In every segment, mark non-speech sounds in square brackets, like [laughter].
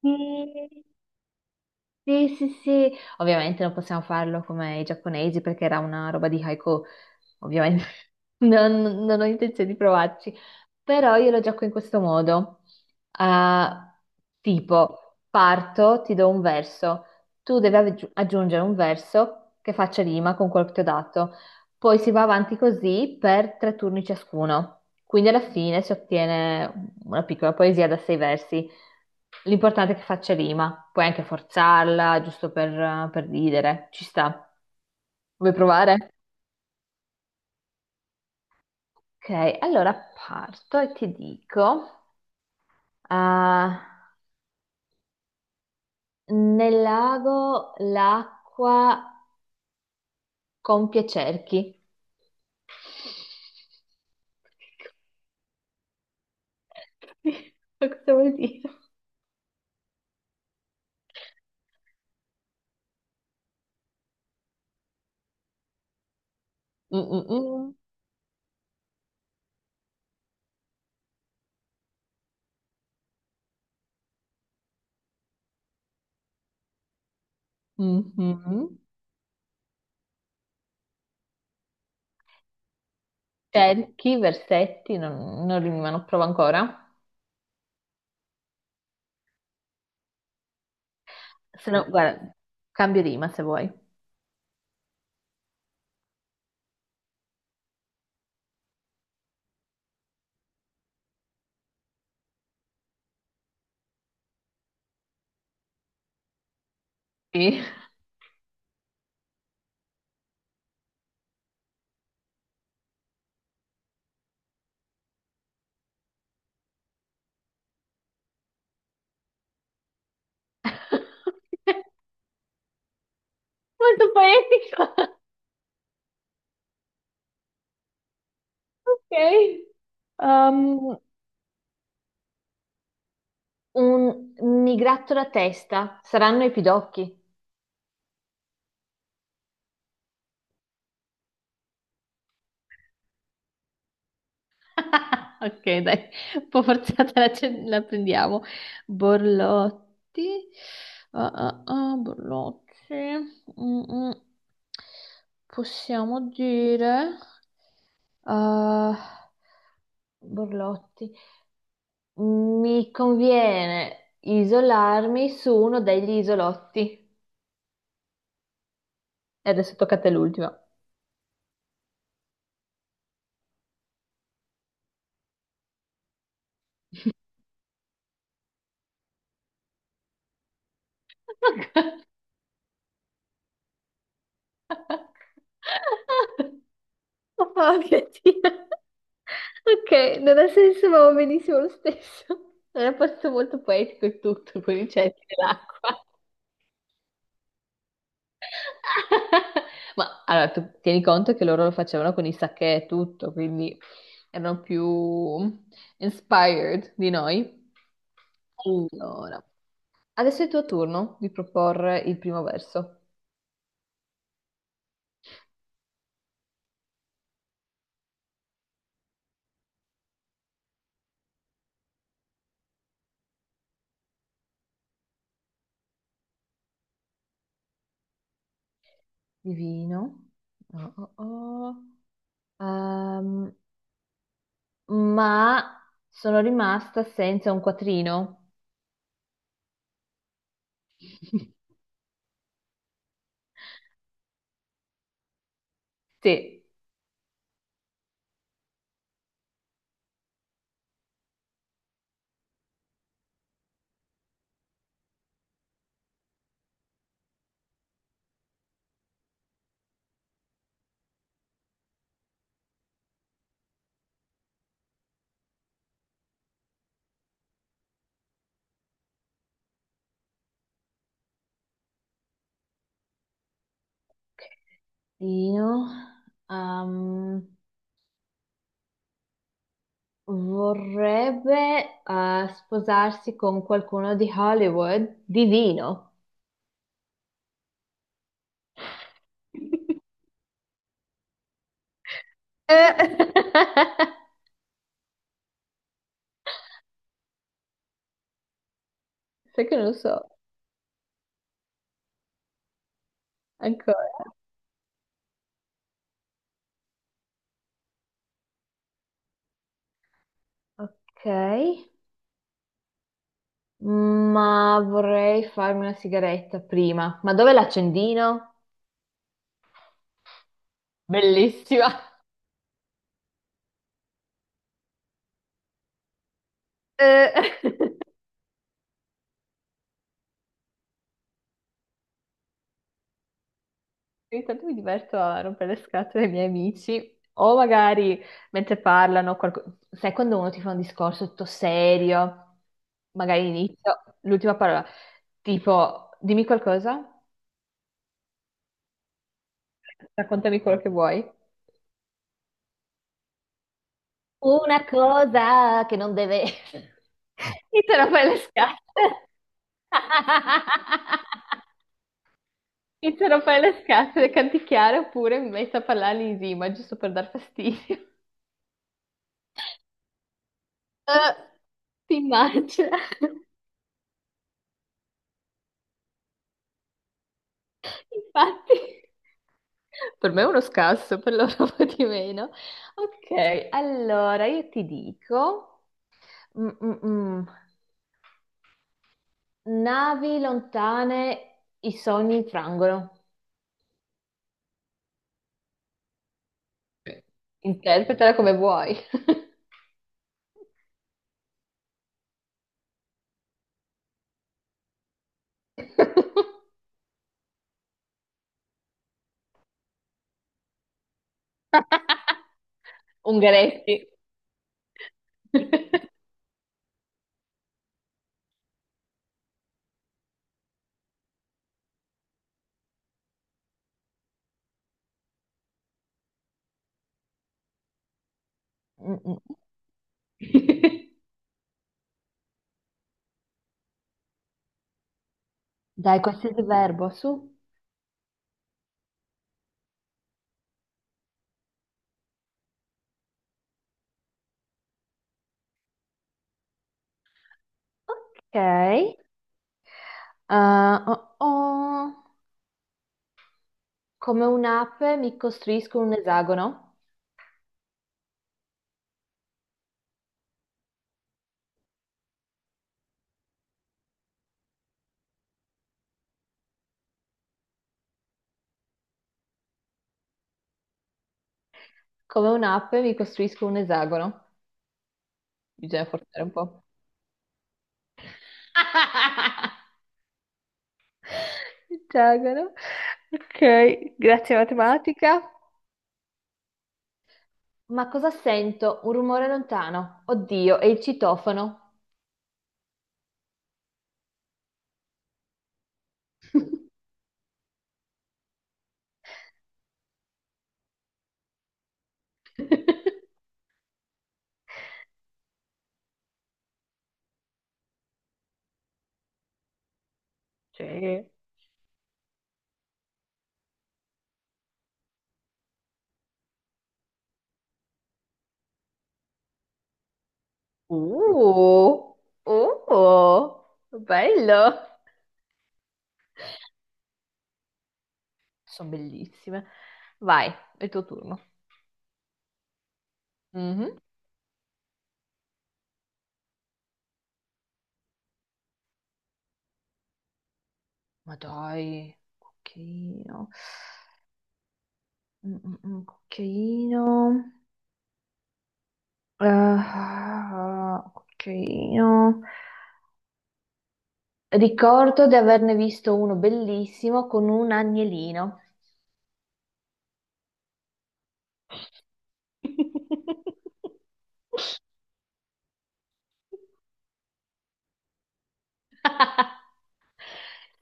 Sì, sì, sì, sì. Ovviamente non possiamo farlo come i giapponesi perché era una roba di haiku. Ovviamente non ho intenzione di provarci, però io lo gioco in questo modo. Ah, tipo, parto, ti do un verso, tu devi aggiungere un verso che faccia rima con quello che ti ho dato, poi si va avanti così per tre turni ciascuno, quindi alla fine si ottiene una piccola poesia da sei versi. L'importante è che faccia rima, puoi anche forzarla, giusto per ridere, ci sta. Vuoi provare? Ok, allora parto e ti dico, ah, nel lago l'acqua compie cerchi. Ma [laughs] cosa vuol dire? Mm, mm, mm. Mhm. Cerchi, versetti, non rimano, provo ancora. Se no, guarda, cambio rima se vuoi. Sì. [laughs] Molto poetico. Ok. Um, Un migrattolo a testa, saranno i pidocchi. [laughs] Ok, dai, un po' forzata la, la prendiamo. Borlotti. Ah, ah, ah, Borlotti. Mm, mm. Possiamo dire, ah, Borlotti, mi conviene isolarmi su uno degli isolotti. E adesso tocca a te l'ultima. [laughs] [laughs] Oh, mia Dio. Ok, non ha senso, ma va benissimo lo stesso. Era posto molto poetico e tutto, con i getti dell'acqua. [laughs] Ma allora, tu tieni conto che loro lo facevano con i sacchè e tutto, quindi erano più inspired di noi. Allora, adesso è il tuo turno di proporre il primo verso. Divino. Oh, oh, oh. Ehm, ma sono rimasta senza un quattrino. Sì. Dino, ehm, vorrebbe sposarsi con qualcuno di Hollywood divino. Eh, [laughs] sai che non lo so ancora. Ok, ma vorrei farmi una sigaretta prima. Ma dove l'accendino? Bellissima. Eh. [laughs] Ogni tanto mi diverto a rompere le scatole ai miei amici, o magari mentre parlano, sai quando uno ti fa un discorso tutto serio, magari inizio, l'ultima parola, tipo dimmi qualcosa, raccontami quello che vuoi. Una cosa che non deve. [laughs] Mi te lo fai le scatole. [laughs] Mi te lo fai le scatole, canticchiare oppure mi metto a parlare in rima, giusto per dar fastidio. [laughs] Eh, ti immagino. Infatti, per me è uno scasso, per loro [laughs] un po' di meno. Ok, allora io ti dico, mm, mm, mm. navi lontane, i sogni infrangono. Eh, Interpretala come vuoi. [laughs] Ungaretti. Mm, mm. Dai, qualsiasi verbo, su. Ok. Ah, oh, oh. Come un'ape mi costruisco un esagono. Come un'ape mi costruisco un esagono. Bisogna forzare un po'. [laughs] Esagono. Ok, grazie matematica. Ma cosa sento? Un rumore lontano. Oddio, è il citofono. [laughs] Sì. Uh, uh, bello. Sono bellissime. Vai, è il tuo turno. Mhm. Ma dai, cucchiaino. Cucchiaino. Ah, ah, cucchiaino. Ricordo di averne visto uno bellissimo con un agnellino. [laughs]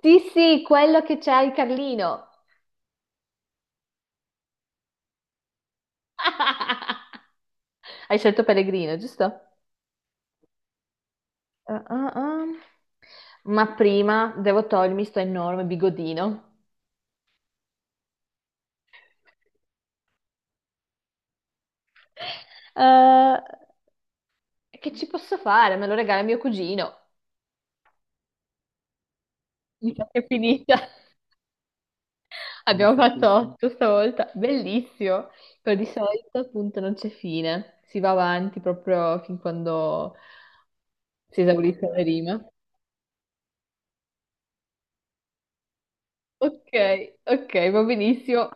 Sì, sì, quello che c'ha il Carlino. [laughs] Hai scelto Pellegrino, giusto? Ah, ah, ah. Ma prima devo togliermi sto enorme bigodino. [laughs] Eh, e che ci posso fare? Me lo regala mio cugino. Mi sa che è finita. [laughs] Abbiamo fatto otto stavolta. Bellissimo. Però di solito appunto non c'è fine. Si va avanti proprio fin quando si esaurisce la rima. Ok, ok, va benissimo.